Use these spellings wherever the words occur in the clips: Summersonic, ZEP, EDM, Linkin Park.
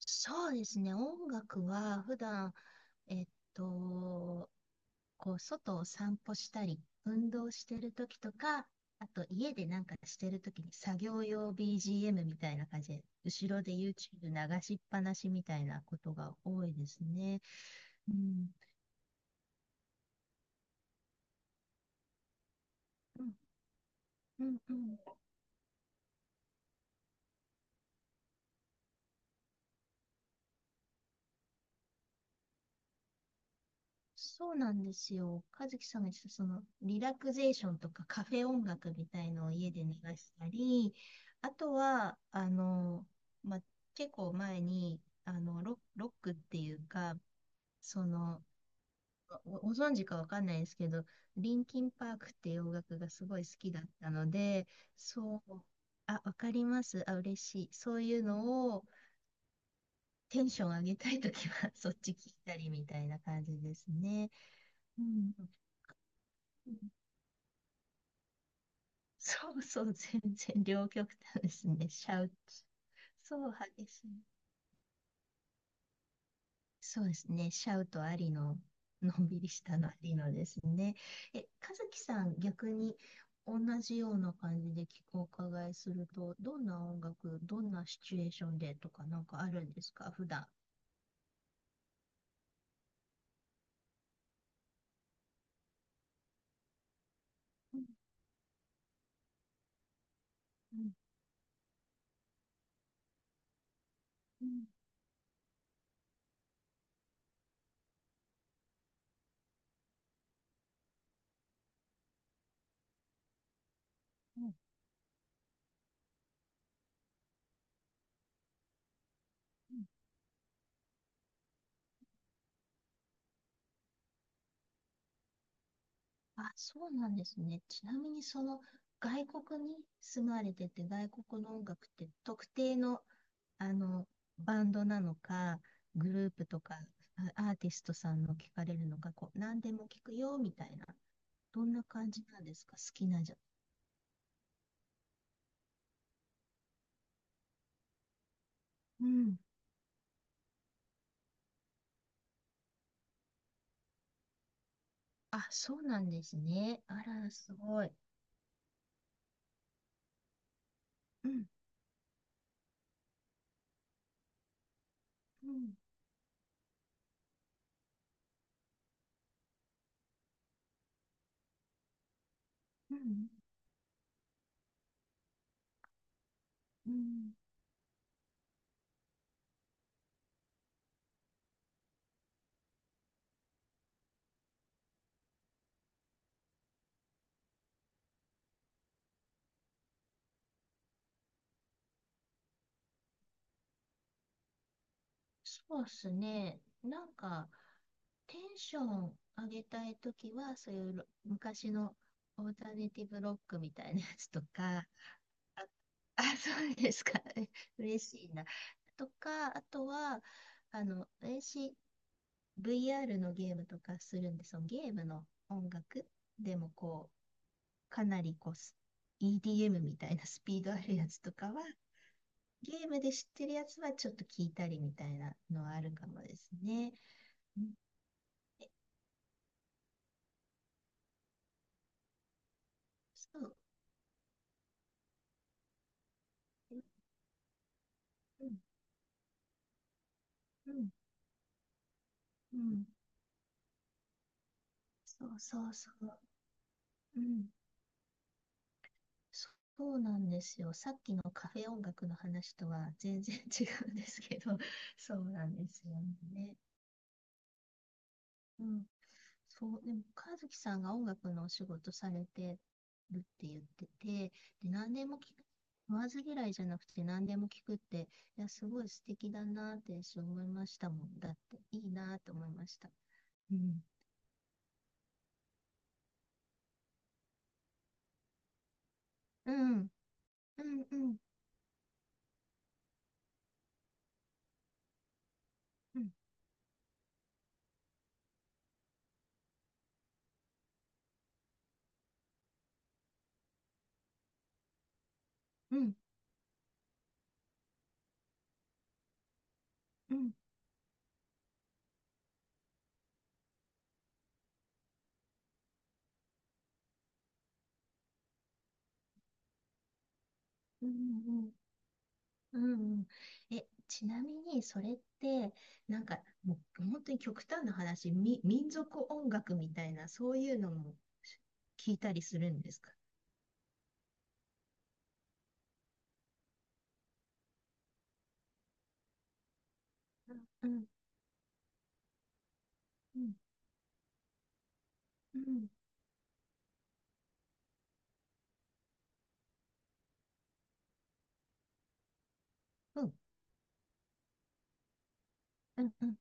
そうですね、音楽は普段、えっと、こう外を散歩したり、運動してる時とか、あと家でなんかしてる時に作業用 BGM みたいな感じで、後ろで YouTube 流しっぱなしみたいなことが多いですね。うん、うん、うん、うん。そうなんですよ。和樹さんが言ってた、その、リラクゼーションとかカフェ音楽みたいのを家で流したり、あとは、まあ、結構前に、ロックっていうか、その、ご存知かわかんないですけど、リンキンパークっていう音楽がすごい好きだったので、そう、あ、わかります。あ、嬉しい。そういうのをテンション上げたいときは、そっち聞いたりみたいな感じですね。うん。そうそう、全然両極端ですね。シャウト。そう、激しい。そうですね。シャウトありの、のんびりしたのありのですね。え、和樹さん、逆に同じような感じでお伺いすると、どんな音楽、どんなシチュエーションでとかなんかあるんですか、普段？うんうんうんうんうん、あ、そうなんですね。ちなみにその外国に住まれてて、外国の音楽って特定のあの、バンドなのか、グループとか、アーティストさんの聞かれるのか、こう、何でも聞くよみたいな、どんな感じなんですか、好きなじゃ。うん。あ、そうなんですね。あら、すごい。うん、うん、うん、うん。そうっすね。なんか、テンション上げたいときは、そういう昔のオルタネティブロックみたいなやつとか、あ、そうですか。嬉しいな。とか、あとは、私、VR のゲームとかするんで、そのゲームの音楽でも、こう、かなりこう、EDM みたいな スピードあるやつとかは、ゲームで知ってるやつはちょっと聞いたりみたいなのはあるかもですね。うん、そう。うん、うん、うん。そうそうそう。うん。そうなんですよ。さっきのカフェ音楽の話とは全然違うんですけど、そうなんですよね。うん。そう、でも、和樹さんが音楽のお仕事されてるって言ってて、で、何でも聞く、言わず嫌いじゃなくて何でも聞くって、いや、すごい素敵だなって私思いましたもん。だって、いいなって思いました。うん。うん、うん、うん、うん、うん、うん、うん、うん。うんうんうん。え、ちなみに、それって、なんか、もう本当に極端な話、民族音楽みたいな、そういうのも聞いたりするんですか？うん、うん、うん、うん、うん、うん、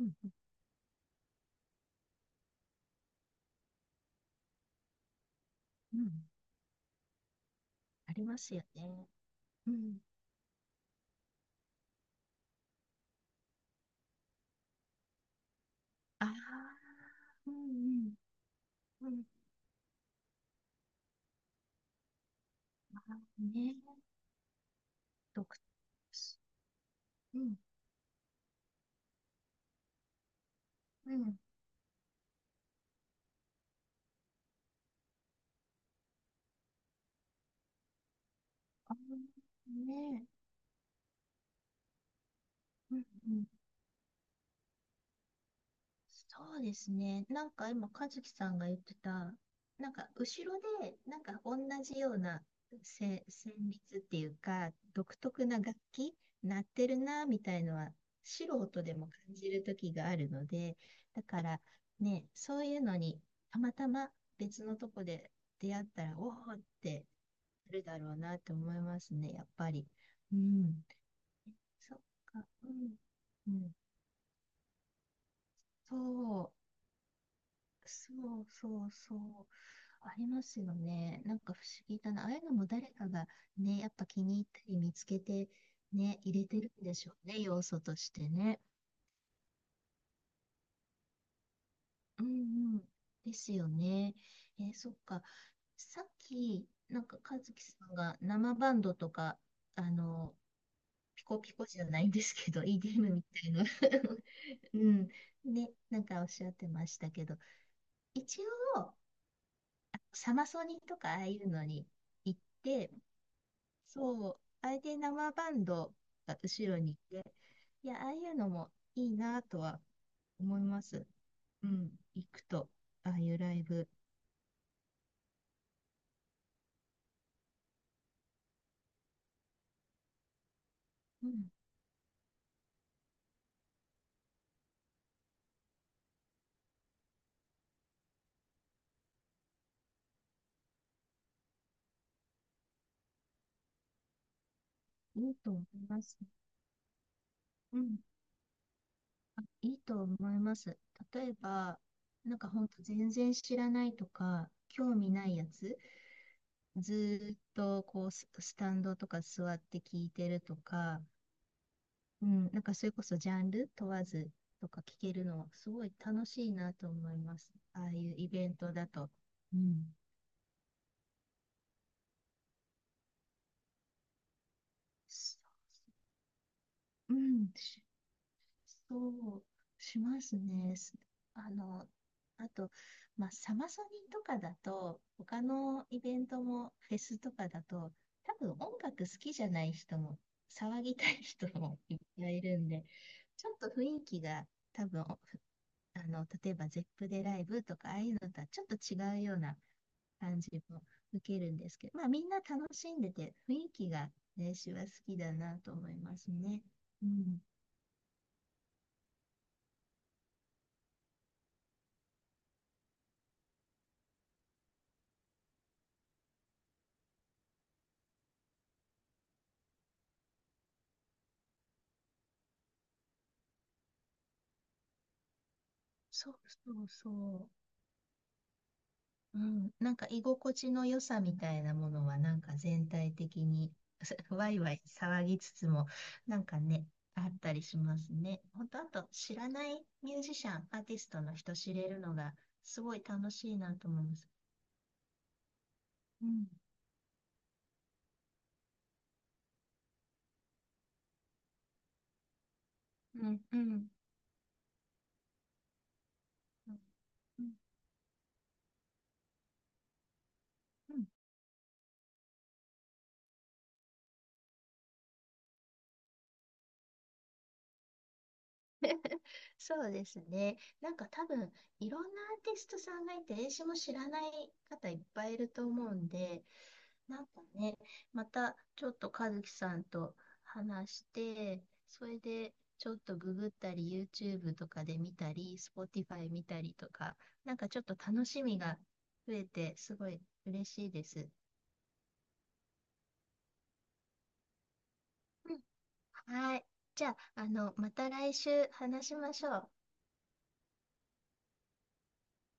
うん、うん、ありますよね。うん。ああ、うん、うん、うん。あーね、独特、うん、うん。あーね、うん、そうですね。なんか今、和樹さんが言ってた、なんか後ろで、なんか同じような旋律っていうか、独特な楽器、鳴ってるな、みたいのは、素人でも感じる時があるので、だからね、そういうのに、たまたま別のとこで出会ったら、おおってなるだろうなって思いますね、やっぱり。うん。そっか、うん。うん。そう。そうそうそう。ありますよね。なんか不思議だな。ああいうのも誰かがね、やっぱ気に入ったり見つけてね、入れてるんでしょうね、要素としてね。うんうん。ですよね。そっか。さっき、なんか和樹さんが生バンドとか、あの、ピコピコじゃないんですけど、EDM みたいな うん。ね、なんかおっしゃってましたけど、一応、サマソニとかああいうのに行って、そう、あれで生バンドが後ろにいて、いや、ああいうのもいいなとは思います。うん、行くと、ああいうライブ、うん、いいと思います。うん、あ、いいと思います。例えば、なんか本当全然知らないとか、興味ないやつ、ずーっとこうスタンドとか座って聞いてるとか、うん、なんかそれこそジャンル問わずとか聞けるのはすごい楽しいなと思います。ああいうイベントだと。うん。そう、うん、しそうしますね。あの、あと、まあ、サマソニとかだと、他のイベントもフェスとかだと、多分音楽好きじゃない人も、騒ぎたい人もいっぱいいるんで、ちょっと雰囲気が多分例えば ZEP でライブとか、ああいうのとはちょっと違うような感じも受けるんですけど、まあみんな楽しんでて、雰囲気が練は好きだなと思いますね。うん。そうそうそう。うん。なんか居心地の良さみたいなものは、なんか全体的に ワイワイ騒ぎつつも、なんかね、あったりしますね。ほんと、あと知らないミュージシャン、アーティストの人知れるのがすごい楽しいなと思います。うん。うんうん。うんうんうん。そうですね。なんか多分いろんなアーティストさんがいて、英詞も知らない方いっぱいいると思うんで、なんかね、またちょっと和樹さんと話して、それでちょっとググったり、YouTube とかで見たり、Spotify 見たりとか、なんかちょっと楽しみが増えて、すごい嬉しいです。うん、はい。じゃあ、また来週話しましょう。